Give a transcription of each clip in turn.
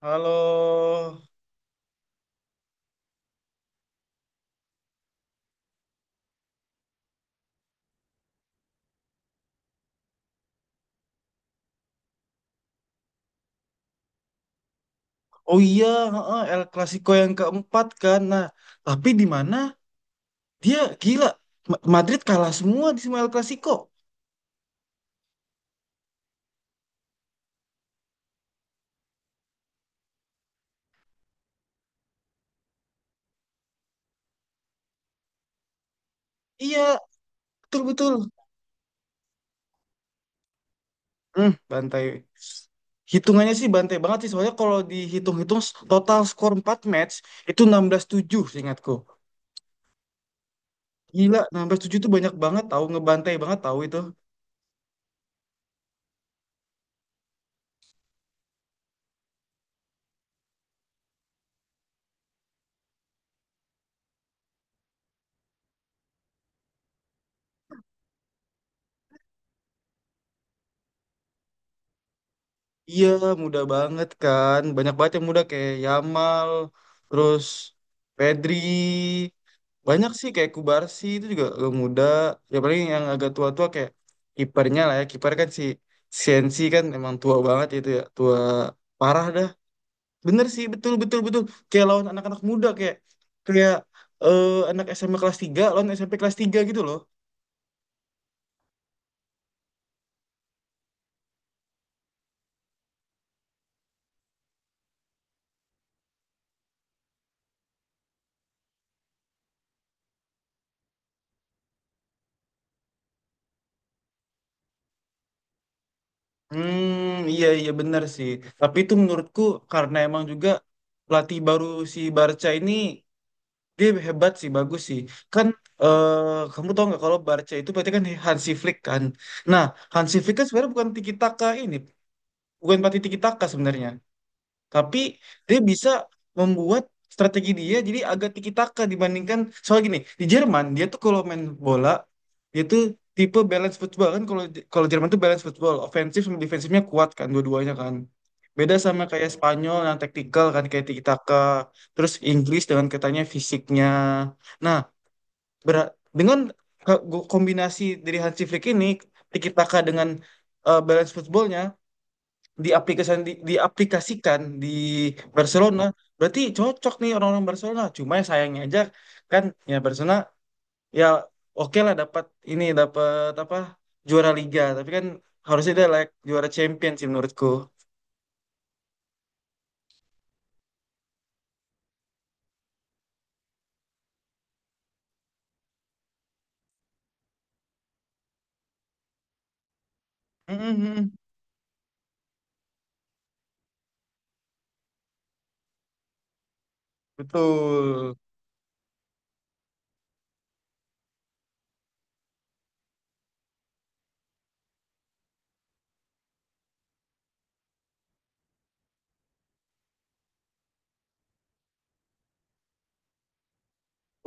Halo. Oh iya, heeh, El Clasico yang keempat kan. Nah, tapi di mana dia gila. Madrid kalah semua di semua El Clasico. Iya, betul-betul. Hmm, bantai. Hitungannya sih bantai banget sih. Soalnya kalau dihitung-hitung total skor 4 match itu 16-7 seingatku. Gila, 16-7 itu banyak banget tahu, ngebantai banget tahu itu. Iya, muda banget kan. Banyak banget yang muda kayak Yamal, terus Pedri. Banyak sih kayak Kubarsi itu juga agak muda. Ya paling yang agak tua-tua kayak kipernya lah ya. Kiper kan si Sensi kan emang tua banget itu ya. Tua parah dah. Bener sih, betul betul betul. Kayak lawan anak-anak muda kayak kayak eh, anak SMP kelas 3 lawan SMP kelas 3 gitu loh. Hmm, iya iya benar sih. Tapi itu menurutku karena emang juga pelatih baru si Barca ini dia hebat sih, bagus sih. Kan kamu tahu nggak kalau Barca itu berarti kan Hansi Flick kan. Nah, Hansi Flick kan sebenarnya bukan tiki taka ini, bukan pelatih tiki taka sebenarnya, tapi dia bisa membuat strategi dia jadi agak tiki-taka dibandingkan. Soal gini, di Jerman dia tuh kalau main bola, dia tuh tipe balance football kan. Kalau kalau Jerman tuh balance football, ofensif sama defensifnya kuat kan, dua-duanya kan, beda sama kayak Spanyol yang taktikal kan kayak tiki-taka, terus Inggris dengan katanya fisiknya. Nah, bera- dengan ke- kombinasi dari Hansi Flick ini, tiki-taka dengan balance footballnya diaplikasikan di Barcelona, berarti cocok nih orang-orang Barcelona. Cuma ya sayangnya aja kan, ya Barcelona, ya oke lah, dapat ini, dapat apa, juara Liga, tapi kan harusnya dia like juara champion sih menurutku. Mhm, betul.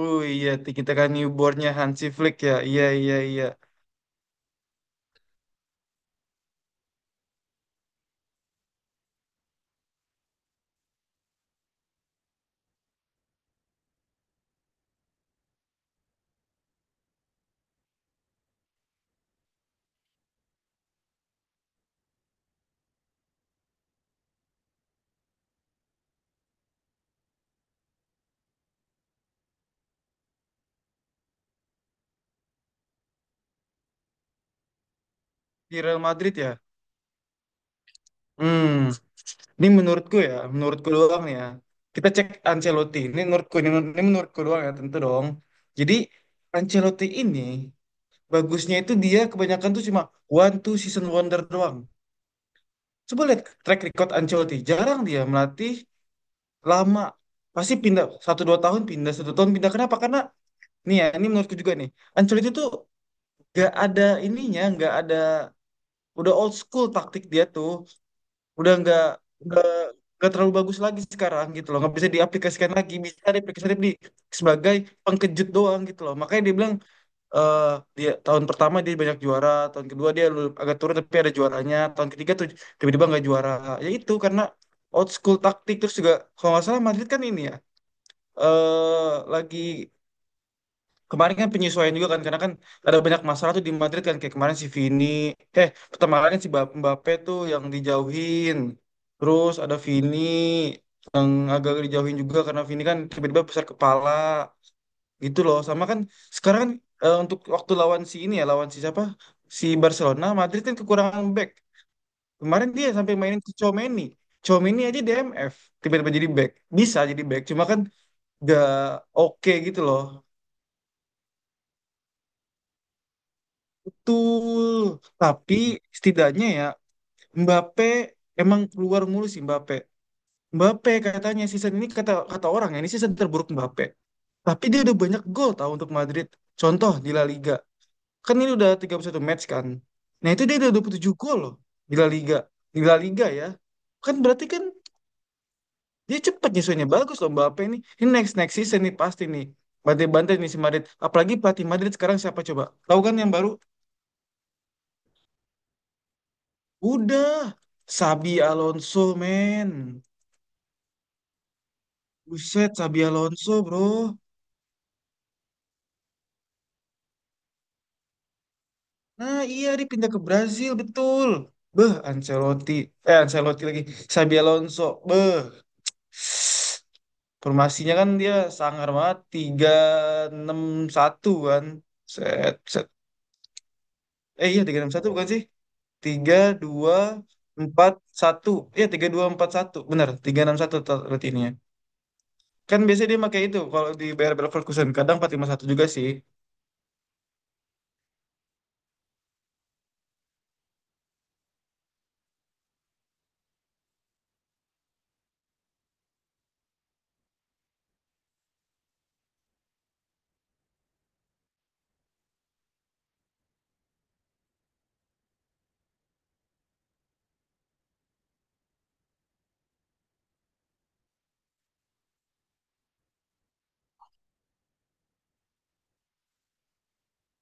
Oh iya, kita kan newbornnya Hansi Flick ya, iya iya iya. Di Real Madrid ya. Hmm. Ini menurutku ya, menurutku doang nih ya. Kita cek Ancelotti. Ini menurutku, ini menurutku doang ya, tentu dong. Jadi Ancelotti ini bagusnya itu dia kebanyakan tuh cuma one two season wonder doang. Coba lihat track record Ancelotti. Jarang dia melatih lama. Pasti pindah 1-2 tahun, pindah 1 tahun, pindah. Kenapa? Karena nih ya, ini menurutku juga nih. Ancelotti tuh gak ada ininya, gak ada, udah old school taktik dia tuh. Udah nggak, nggak nggak terlalu bagus lagi sekarang gitu loh. Nggak bisa diaplikasikan lagi, bisa diaplikasikan di sebagai pengkejut doang gitu loh. Makanya dia bilang eh dia tahun pertama dia banyak juara, tahun kedua dia agak turun tapi ada juaranya, tahun ketiga tuh tiba-tiba nggak juara. Ya itu karena old school taktik. Terus juga kalau nggak salah Madrid kan ini ya, eh lagi kemarin kan penyesuaian juga kan, karena kan ada banyak masalah tuh di Madrid kan. Kayak kemarin si Vini, pertama kali si Mbappe tuh yang dijauhin, terus ada Vini yang agak dijauhin juga karena Vini kan tiba-tiba besar kepala gitu loh. Sama kan sekarang kan, untuk waktu lawan si ini ya, lawan si siapa, si Barcelona, Madrid kan kekurangan back. Kemarin dia sampai mainin si Tchouaméni. Tchouaméni aja DMF tiba-tiba jadi back, bisa jadi back, cuma kan gak oke gitu loh. Betul, tapi setidaknya ya, Mbappe emang keluar mulu sih Mbappe. Mbappe katanya season ini, kata kata orang ya, ini season terburuk Mbappe. Tapi dia udah banyak gol tahu untuk Madrid. Contoh di La Liga. Kan ini udah 31 match kan. Nah, itu dia udah 27 gol loh di La Liga. Di La Liga ya. Kan berarti kan dia cepet nyusunnya, bagus loh Mbappe ini. Ini next next season nih pasti nih. Bantai-bantai nih si Madrid. Apalagi pelatih Madrid sekarang siapa coba? Tahu kan yang baru? Udah, Sabi Alonso, men. Buset, Sabi Alonso, bro. Nah, iya, dia pindah ke Brazil, betul. Beh, Ancelotti. Eh, Ancelotti lagi. Sabi Alonso, beh. Formasinya kan dia sangar banget. 3-6-1 kan. Set, set. Eh, iya, 3-6-1 bukan sih? 3-2-4-1. Iya, tiga dua empat satu. Benar, 3-6-1 rutinnya. Kan biasanya dia pakai itu kalau di Bayer Leverkusen. Kadang 4-5-1 juga sih.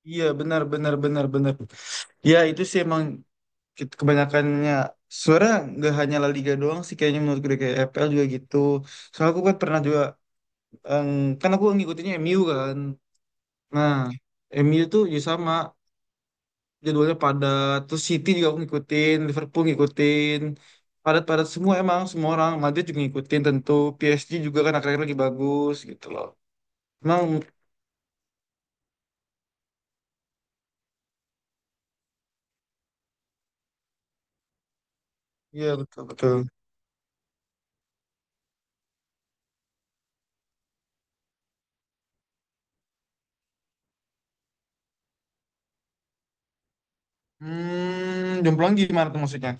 Iya benar benar benar benar. Ya itu sih emang kebanyakannya sebenarnya nggak hanya La Liga doang sih kayaknya, menurut gue kayak EPL juga gitu. Soalnya aku kan pernah juga, em, kan aku ngikutinnya MU kan. Nah, MU tuh ya sama, jadwalnya padat. Terus City juga aku ngikutin, Liverpool ngikutin. Padat-padat semua emang semua orang. Madrid juga ngikutin tentu. PSG juga kan akhir-akhir lagi bagus gitu loh. Emang iya betul betul. Hmm, jomplang gimana tuh maksudnya?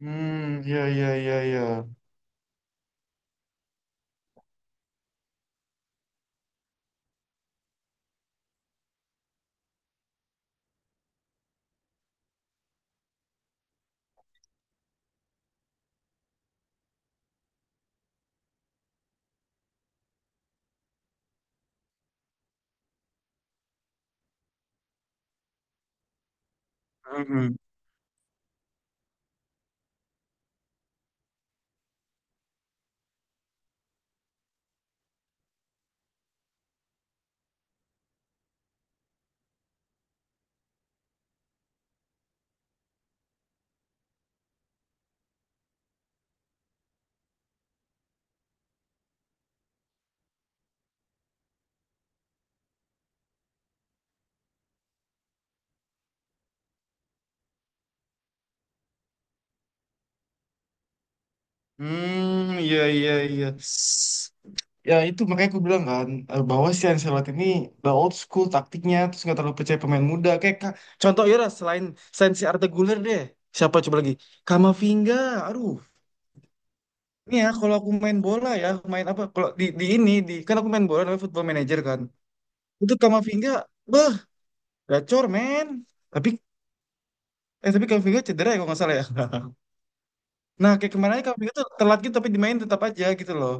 Hmm, iya, iya, iya, iya. Hmm. Hmm, iya, iya, iya. Ya itu makanya aku bilang kan, bahwa si Ancelotti ini the old school taktiknya, terus nggak terlalu percaya pemain muda kayak contoh ya lah, selain selain si Arda Güler deh siapa coba lagi, Kamavinga, aduh. Ini ya, kalau aku main bola ya, main apa, kalau di ini di kan aku main bola namanya Football Manager kan, itu Kamavinga beh, gacor men. Tapi tapi Kamavinga cedera ya kalau nggak salah ya. Nah, kayak kemarin aja, kamu itu telat gitu tapi dimain tetap aja gitu loh.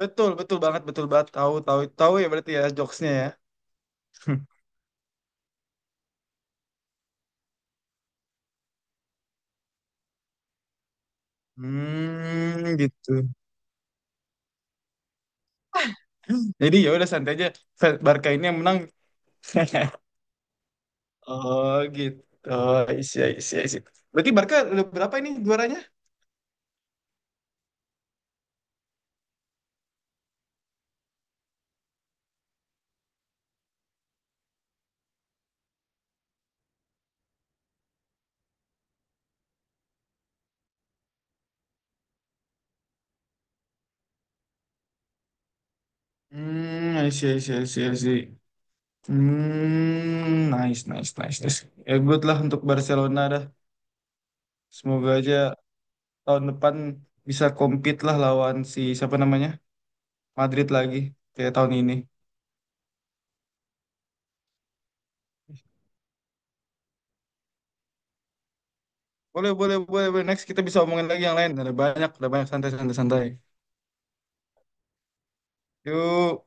Betul, betul banget, betul banget. Tahu, tahu, tahu ya berarti ya jokesnya ya. Hmm, gitu. Jadi ya udah santai aja. Barca ini yang menang. Oh, gitu. Oh, isi, isi, isi. Berarti Barca udah berapa ini juaranya? Hmm, isi, isi, isi, isi. Hmm, nice, nice, nice, nice. Ya good lah untuk Barcelona dah. Semoga aja tahun depan bisa compete lah lawan si siapa namanya? Madrid lagi kayak tahun ini. Boleh, boleh, boleh, boleh. Next kita bisa omongin lagi yang lain. Ada banyak santai-santai santai. Yuk.